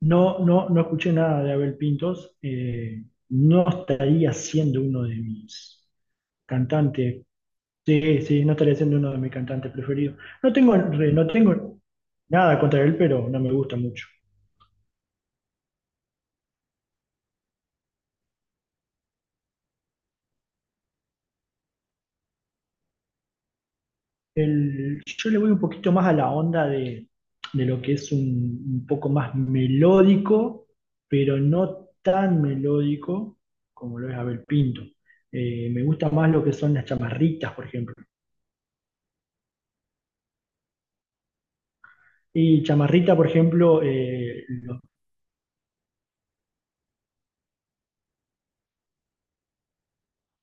No, no, no escuché nada de Abel Pintos. No estaría siendo uno de mis cantantes. Sí, sí, no estaría siendo uno de mis cantantes preferidos. No tengo nada contra él, pero no me gusta mucho. Yo le voy un poquito más a la onda de lo que es un poco más melódico, pero no tan melódico como lo es Abel Pinto. Me gusta más lo que son las chamarritas, por ejemplo. Y Chamarrita, por ejemplo,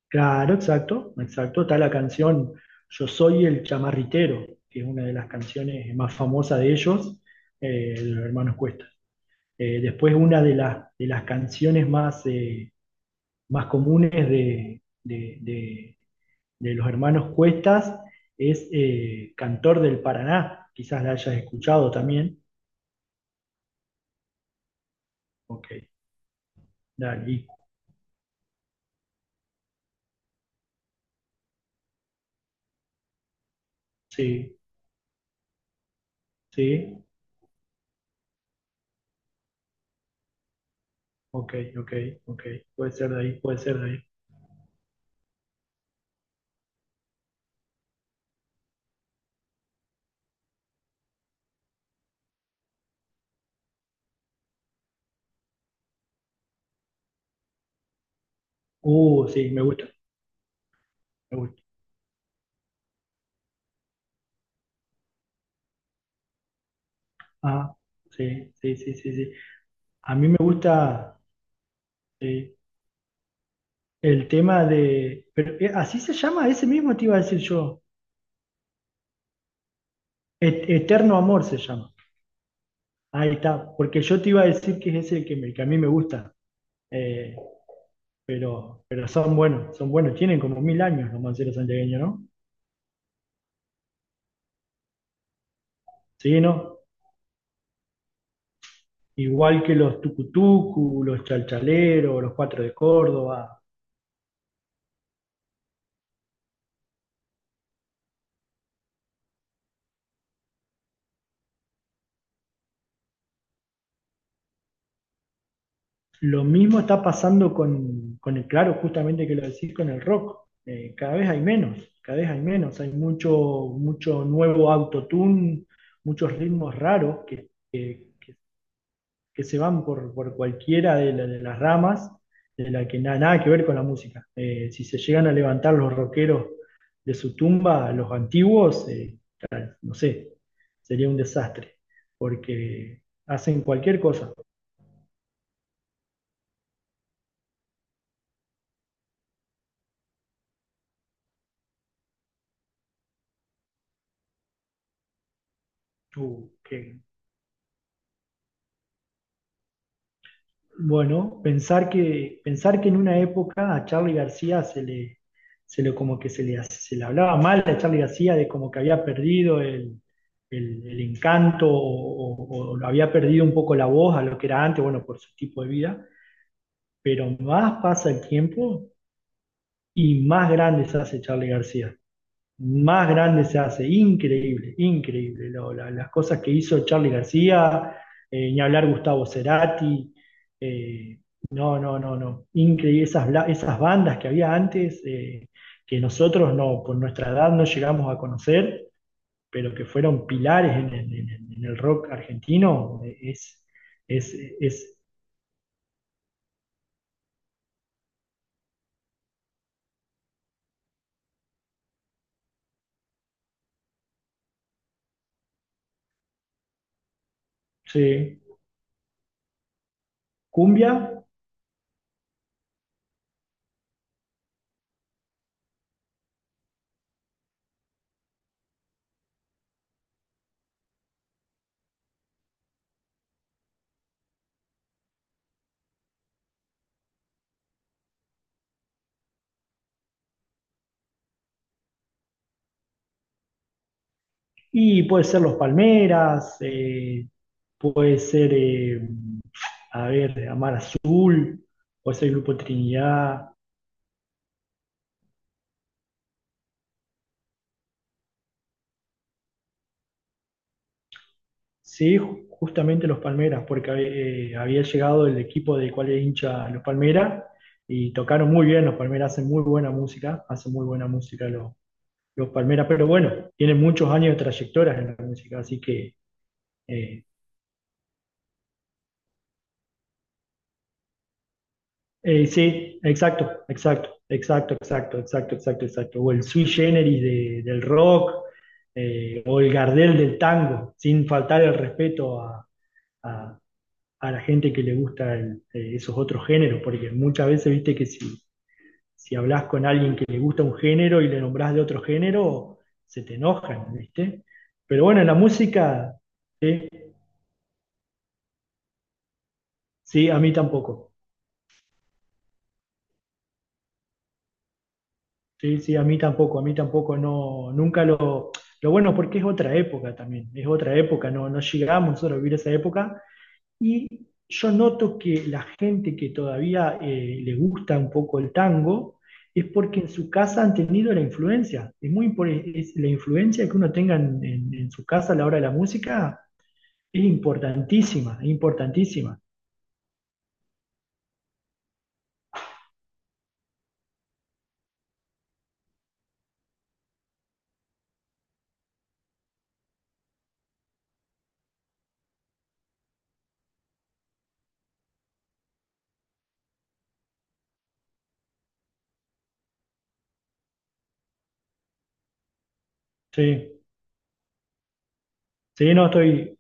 claro, exacto, exacto. Está la canción Yo soy el chamarritero, que es una de las canciones más famosas de ellos, de los hermanos Cuesta. Después una de las canciones más, más comunes de los hermanos Cuestas es Cantor del Paraná. Quizás la hayas escuchado también. Ok, dale, sí, sí, ok, ok, ok. Puede ser de ahí, puede ser de ahí. Sí, me gusta, me gusta. Ah, sí, sí, sí, sí, sí. A mí me gusta, sí, el tema de, pero, ¿así se llama? Ese mismo te iba a decir yo. Eterno Amor se llama. Ahí está, porque yo te iba a decir que es ese el que, que a mí me gusta. Eh, pero son buenos, son buenos. Tienen como mil años los manceros santiagueños, ¿no? Sí, ¿no? Igual que los tucutucu, los chalchaleros, los cuatro de Córdoba. Lo mismo está pasando claro, justamente que lo decís con el rock. Cada vez hay menos, cada vez hay menos. Hay mucho, mucho nuevo autotune, muchos ritmos raros que se van por cualquiera de las ramas, de la que nada, nada que ver con la música. Si se llegan a levantar los rockeros de su tumba, los antiguos, no sé, sería un desastre, porque hacen cualquier cosa. Uh, qué- Bueno, pensar que en una época a Charly García se le como que se le hablaba mal a Charly García de como que había perdido el encanto o había perdido un poco la voz a lo que era antes, bueno, por su tipo de vida, pero más pasa el tiempo y más grande se hace Charly García, más grande se hace, increíble, increíble. Las cosas que hizo Charly García, ni hablar Gustavo Cerati, eh, no, no, no, no, increíble. Esas bandas que había antes, que nosotros no, por nuestra edad no llegamos a conocer, pero que fueron pilares en el rock argentino, es, es, sí, cumbia. Y puede ser Los Palmeras, puede ser, a ver, Amar Azul, puede ser el Grupo Trinidad, sí, justamente los Palmeras, porque había llegado el equipo del cual es hincha los Palmeras y tocaron muy bien, los Palmeras hacen muy buena música, hacen muy buena música los Palmeras, pero bueno, tienen muchos años de trayectoria en la música, así que... eh, sí, exacto, exacto, exacto, exacto, exacto, exacto, exacto. O el sui generis del rock, o el Gardel del tango, sin faltar el respeto a- a la gente que le gusta esos otros géneros, porque muchas veces viste que si, hablas con alguien que le gusta un género y le nombrás de otro género, se te enojan, ¿viste? Pero bueno, en la música, sí, sí, a mí tampoco. Sí, sí, a mí tampoco, no, nunca lo... Lo bueno porque es otra época también, es otra época, no, no llegamos nosotros a vivir esa época y yo noto que la gente que todavía le gusta un poco el tango es porque en su casa han tenido la influencia, es la influencia que uno tenga en su casa a la hora de la música es importantísima, es importantísima. Sí, sí, no estoy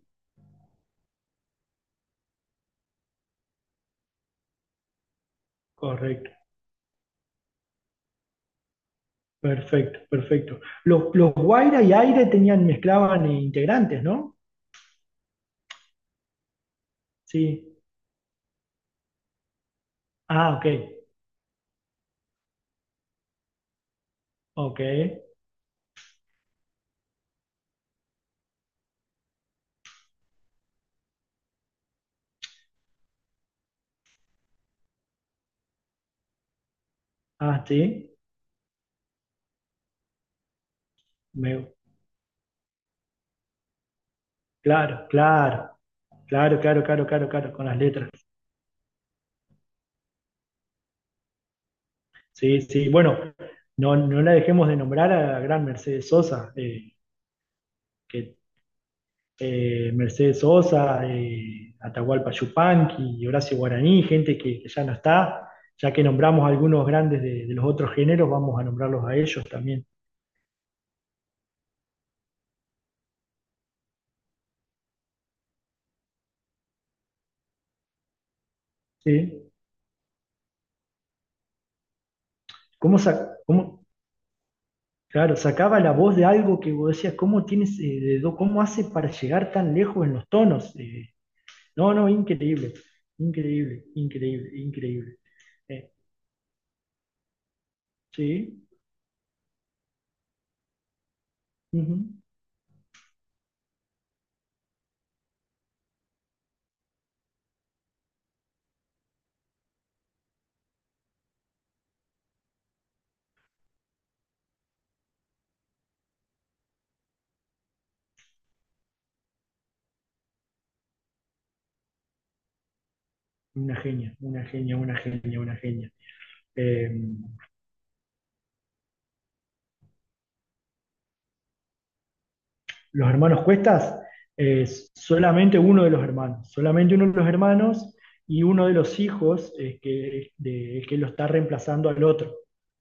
correcto. Perfecto, perfecto. Los Guaira y Aire tenían, mezclaban integrantes, ¿no? Sí. Ah, ok. Ok. Ah, sí. Me- claro, claro. Claro, claro, claro, claro, claro, con las letras. Sí, sí. Bueno, no, no la dejemos de nombrar a la gran Mercedes Sosa, que Mercedes Sosa, Atahualpa Yupanqui, y Horacio Guaraní, gente que ya no está. Ya que nombramos algunos grandes de los otros géneros, vamos a nombrarlos a ellos también. Sí. ¿Cómo, sa- cómo- claro, sacaba la voz de algo que vos decías, ¿cómo tienes, cómo hace para llegar tan lejos en los tonos? No, no, increíble, increíble, increíble, increíble. Eh, sí, ujú. Una genia, una genia, una genia, una genia. Eh, los hermanos Cuestas, solamente uno de los hermanos, solamente uno de los hermanos y uno de los hijos que lo está reemplazando al otro.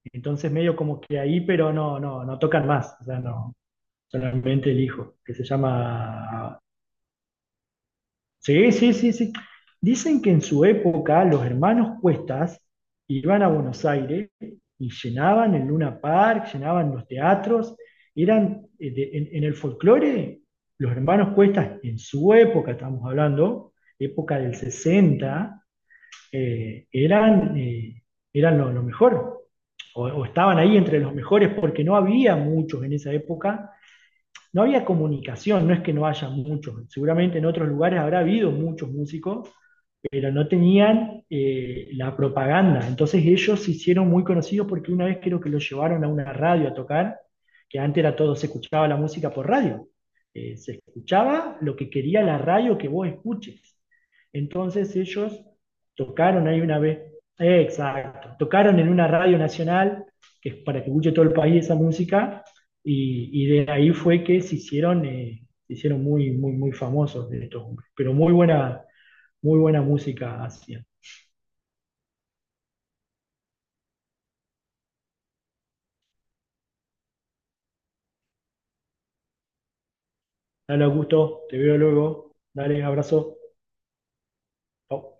Entonces medio como que ahí, pero no, no, no tocan más, o sea, no, solamente el hijo, que se llama. Sí, sí, sí, sí. Dicen que en su época los hermanos Cuestas iban a Buenos Aires y llenaban el Luna Park, llenaban los teatros, eran en, el folclore, los hermanos Cuestas en su época, estamos hablando, época del sesenta, eh, eran, eh, eran lo mejor, o estaban ahí entre los mejores porque no había muchos en esa época, no había comunicación, no es que no haya muchos, seguramente en otros lugares habrá habido muchos músicos, pero no tenían la propaganda. Entonces ellos se hicieron muy conocidos porque una vez creo que los llevaron a una radio a tocar, que antes era todo, se escuchaba la música por radio. Se escuchaba lo que quería la radio que vos escuches. Entonces ellos tocaron ahí una vez, exacto, tocaron en una radio nacional, que es para que escuche todo el país esa música, y, de ahí fue que se hicieron muy, muy, muy famosos de estos hombres. Pero muy buena música hacían. Dale, Augusto, te veo luego. Dale, abrazo. Chau.